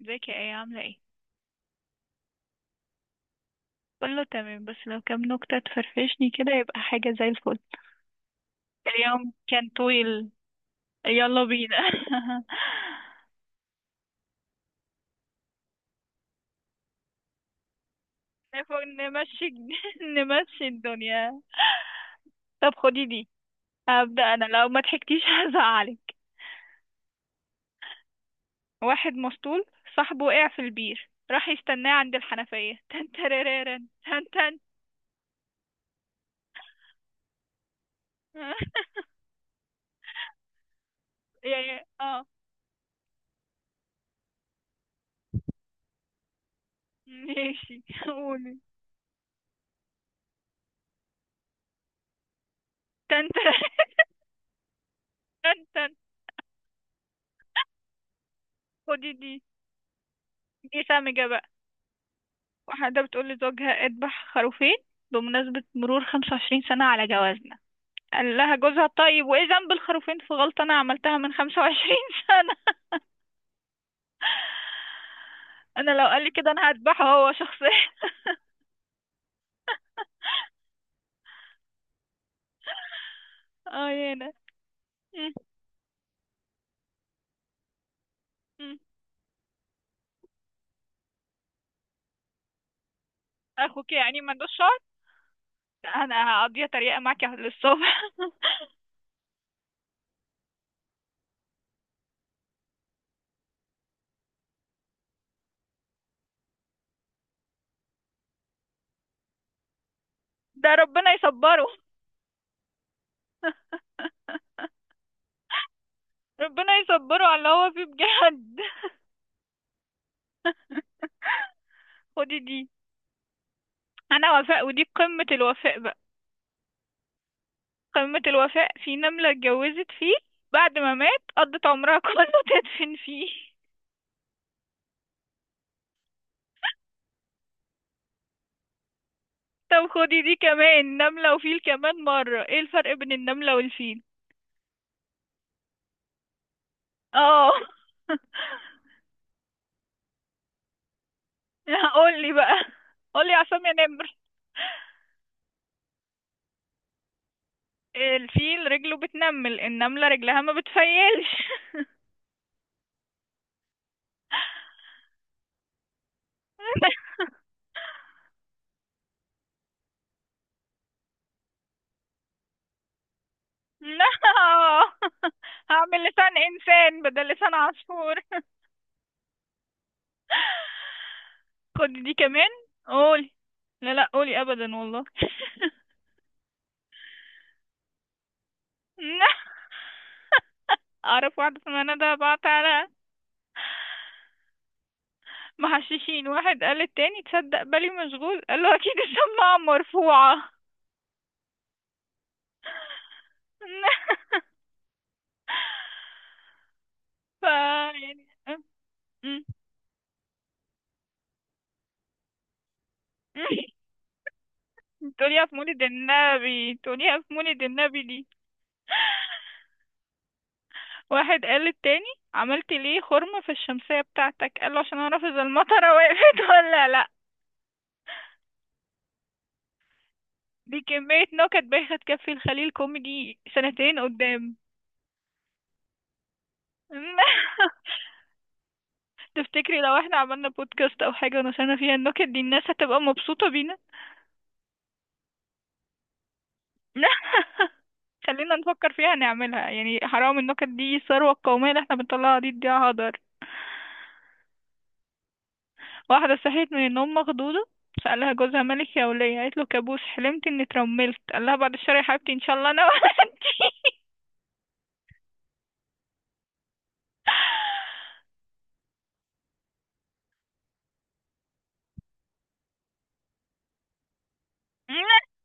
ازيك يا ايه؟ عاملة ايه؟ كله تمام بس لو كام نكتة تفرفشني كده يبقى حاجة زي الفل. اليوم كان طويل. يلا بينا. نفوق نمشي. نمشي الدنيا. طب خدي دي. هبدأ انا، لو ما ضحكتيش هزعلك. واحد مسطول صاحبه وقع في البير، راح يستناه عند الحنفية. تن ترررن تن تن. يا يا اه، ماشي. قولي. تن تن تن تن. خدي دي. دي سامجة بقى. واحدة بتقول لزوجها اذبح خروفين بمناسبة مرور 25 سنة على جوازنا، قال لها جوزها طيب وايه ذنب الخروفين في غلطة انا عملتها من 25 سنة. انا لو قال لي كده انا هذبحه هو شخصيا. اه، يا انا. م- م. اخوك يعني ما عندوش شعر. انا هقضيها تريقة معاك للصبح. ده ربنا يصبره. ربنا يصبره على اللي هو فيه بجد. خدي دي. انا وفاء ودي قمة الوفاء بقى. قمة الوفاء في نملة اتجوزت فيه، بعد ما مات قضت عمرها كله تدفن فيه. طب خدي دي كمان. نملة وفيل، كمان مرة. ايه الفرق بين النملة والفيل؟ اه. قولي بقى. قولي يا عصام يا نمر. الفيل رجله بتنمل، النملة رجلها ما بتفيلش. لا، هعمل لسان انسان بدل لسان عصفور. خدي دي كمان. قولي. لا لا، قولي ابدا والله. اعرف واحدة اسمها ندى بعت على محششين. واحد قال التاني تصدق بالي مشغول، قال له اكيد الشماعة مرفوعة. ف يعني م- تقوليها في مولد النبي، تقوليها في مولد النبي دي. واحد قال للتاني عملت ليه خرم في الشمسية بتاعتك، قال له عشان اعرف اذا المطرة وقفت ولا لا. دي كمية نكت بايخة تكفي الخليل كوميدي سنتين قدام. تفتكري لو احنا عملنا بودكاست او حاجة ونشرنا فيها النكت دي الناس هتبقى مبسوطة بينا؟ خلينا نفكر فيها نعملها، يعني حرام النكت دي، الثروة القومية اللي احنا بنطلعها دي تضيع هدر. واحدة صحيت من النوم مخضوضة، سألها جوزها مالك يا ولية، قالت له كابوس حلمت اني اترملت، قال لها بعد الشر يا حبيبتي ان شاء الله انا وانتي.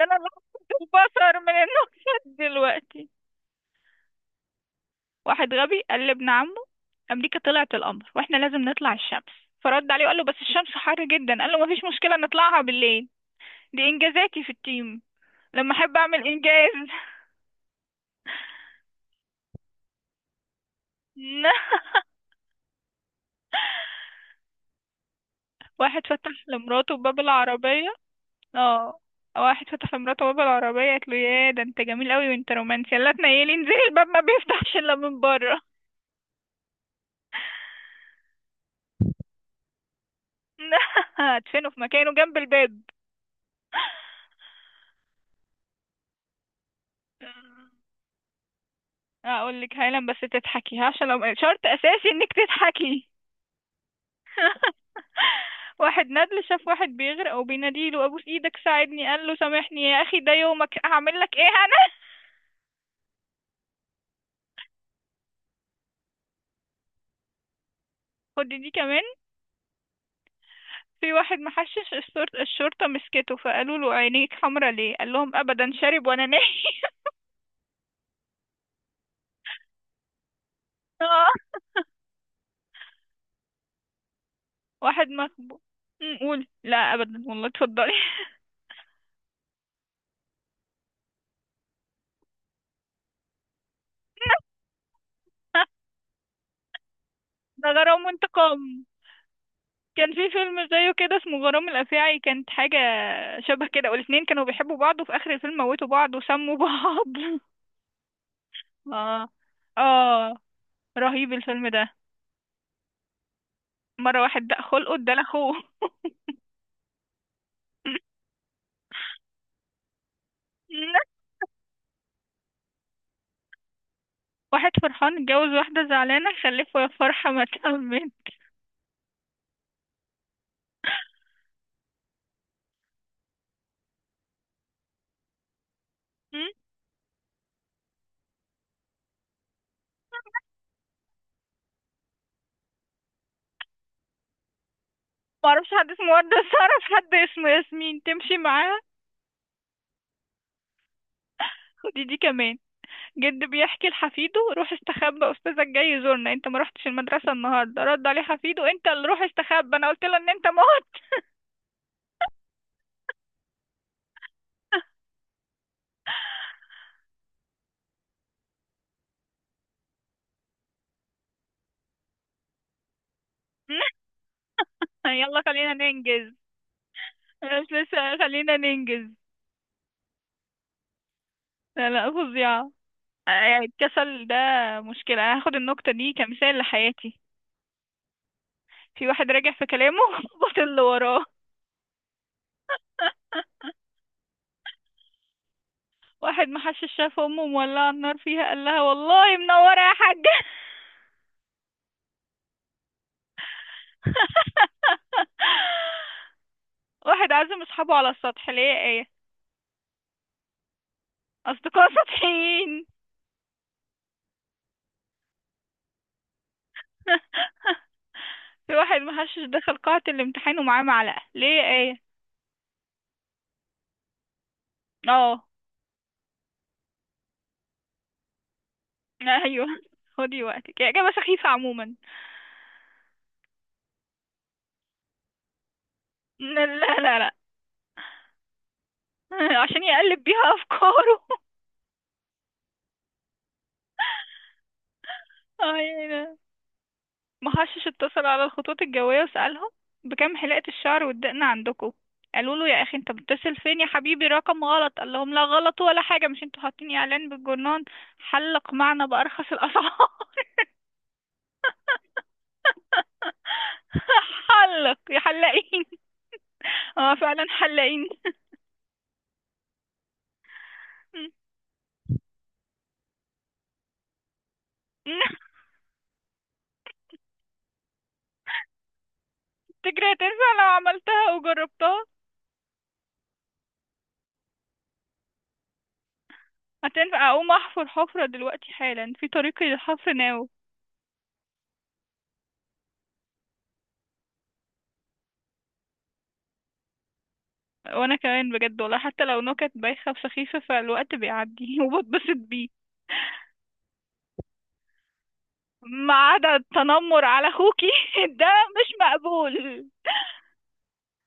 انا بصر من النكت دلوقتي. واحد غبي قال لابن عمه امريكا طلعت القمر واحنا لازم نطلع الشمس، فرد عليه وقال له بس الشمس حر جدا، قال له مفيش مشكله نطلعها بالليل. دي انجازاتي في التيم لما احب اعمل انجاز. واحد فتح لمراته باب العربيه. اه. واحد فتح لمراته باب العربيه، قالت له يا ده انت جميل قوي وانت رومانسي، يلا تنيلي انزلي، الباب ما بيفتحش الا من بره. هدفنه في مكانه جنب الباب. اقول لك هايلا بس تضحكي، عشان لو شرط اساسي انك تضحكي. واحد ندل شاف واحد بيغرق وبيناديله ابوس ايدك ساعدني، قال له سامحني يا اخي ده يومك، هعمل لك ايه انا. خد دي كمان. في واحد محشش الشرطة مسكته، فقالوا له عينيك حمرا ليه، قال لهم ابدا شارب وانا نايم. آه. واحد مخبوق. قول لا ابدا والله، اتفضلي. ده غرام وانتقام. كان في فيلم زيه كده اسمه غرام الافاعي، كانت حاجة شبه كده، والاتنين كانوا بيحبوا بعض وفي اخر الفيلم موتوا بعض وسموا بعض. اه، اه، رهيب الفيلم ده. مرة واحد دق خلقه ادالك اخوه. واحد فرحان اتجوز واحدة زعلانة خلفه، يا فرحة ما تأمن. معرفش حد اسمه وردة، بس أعرف حد اسمه ياسمين تمشي معاها. خدي دي كمان. جد بيحكي لحفيده روح استخبى أستاذك جاي يزورنا انت ما رحتش المدرسة النهاردة، رد عليه حفيده انت اللي روح استخبى انا قلت له ان انت موت. يلا خلينا ننجز. مش لسه، خلينا ننجز. لا لا فظيعة، يعني الكسل ده مشكلة. أنا هاخد النكتة دي كمثال لحياتي. في واحد راجع في كلامه وبطل اللي وراه. واحد محشش شاف أمه مولعة النار فيها، قال لها والله منورة يا حاجة. واحد عازم أصحابه على السطح، ليه يا آية؟ أصدقاء سطحيين. في واحد محشش دخل قاعة الامتحان ومعاه معلقة، ليه يا آية؟ اه. أيوه. خدي وقتك يا إجابة سخيفة عموما. لا لا لا. عشان يقلب بيها افكاره. آه، يعني، محشش اتصل على الخطوط الجوية وسألهم بكم حلقة الشعر والدقن عندكم، قالوا له يا اخي انت بتتصل فين يا حبيبي، رقم غلط، قال لهم لا غلط ولا حاجة، مش انتوا حاطين اعلان بالجرنان، حلق معنا بارخص الاسعار. حلق يا حلاقين. اه فعلا حلاقين. تجري هتنفع لو عملتها وجربتها؟ هتنفع، اقوم احفر حفرة دلوقتي حالا، في طريقي للحفر ناوي. وانا كمان بجد والله، حتى لو نكت بايخة وسخيفة فالوقت بيعدي وبتبسط بيه. ما عدا التنمر على اخوكي ده مش مقبول.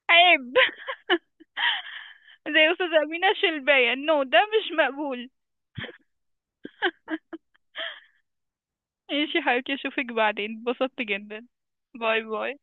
عيب. زي استاذة أمينة شلباية، نو ده مش مقبول. ماشي يا حبيبتي، اشوفك بعدين، اتبسطت جدا. باي باي.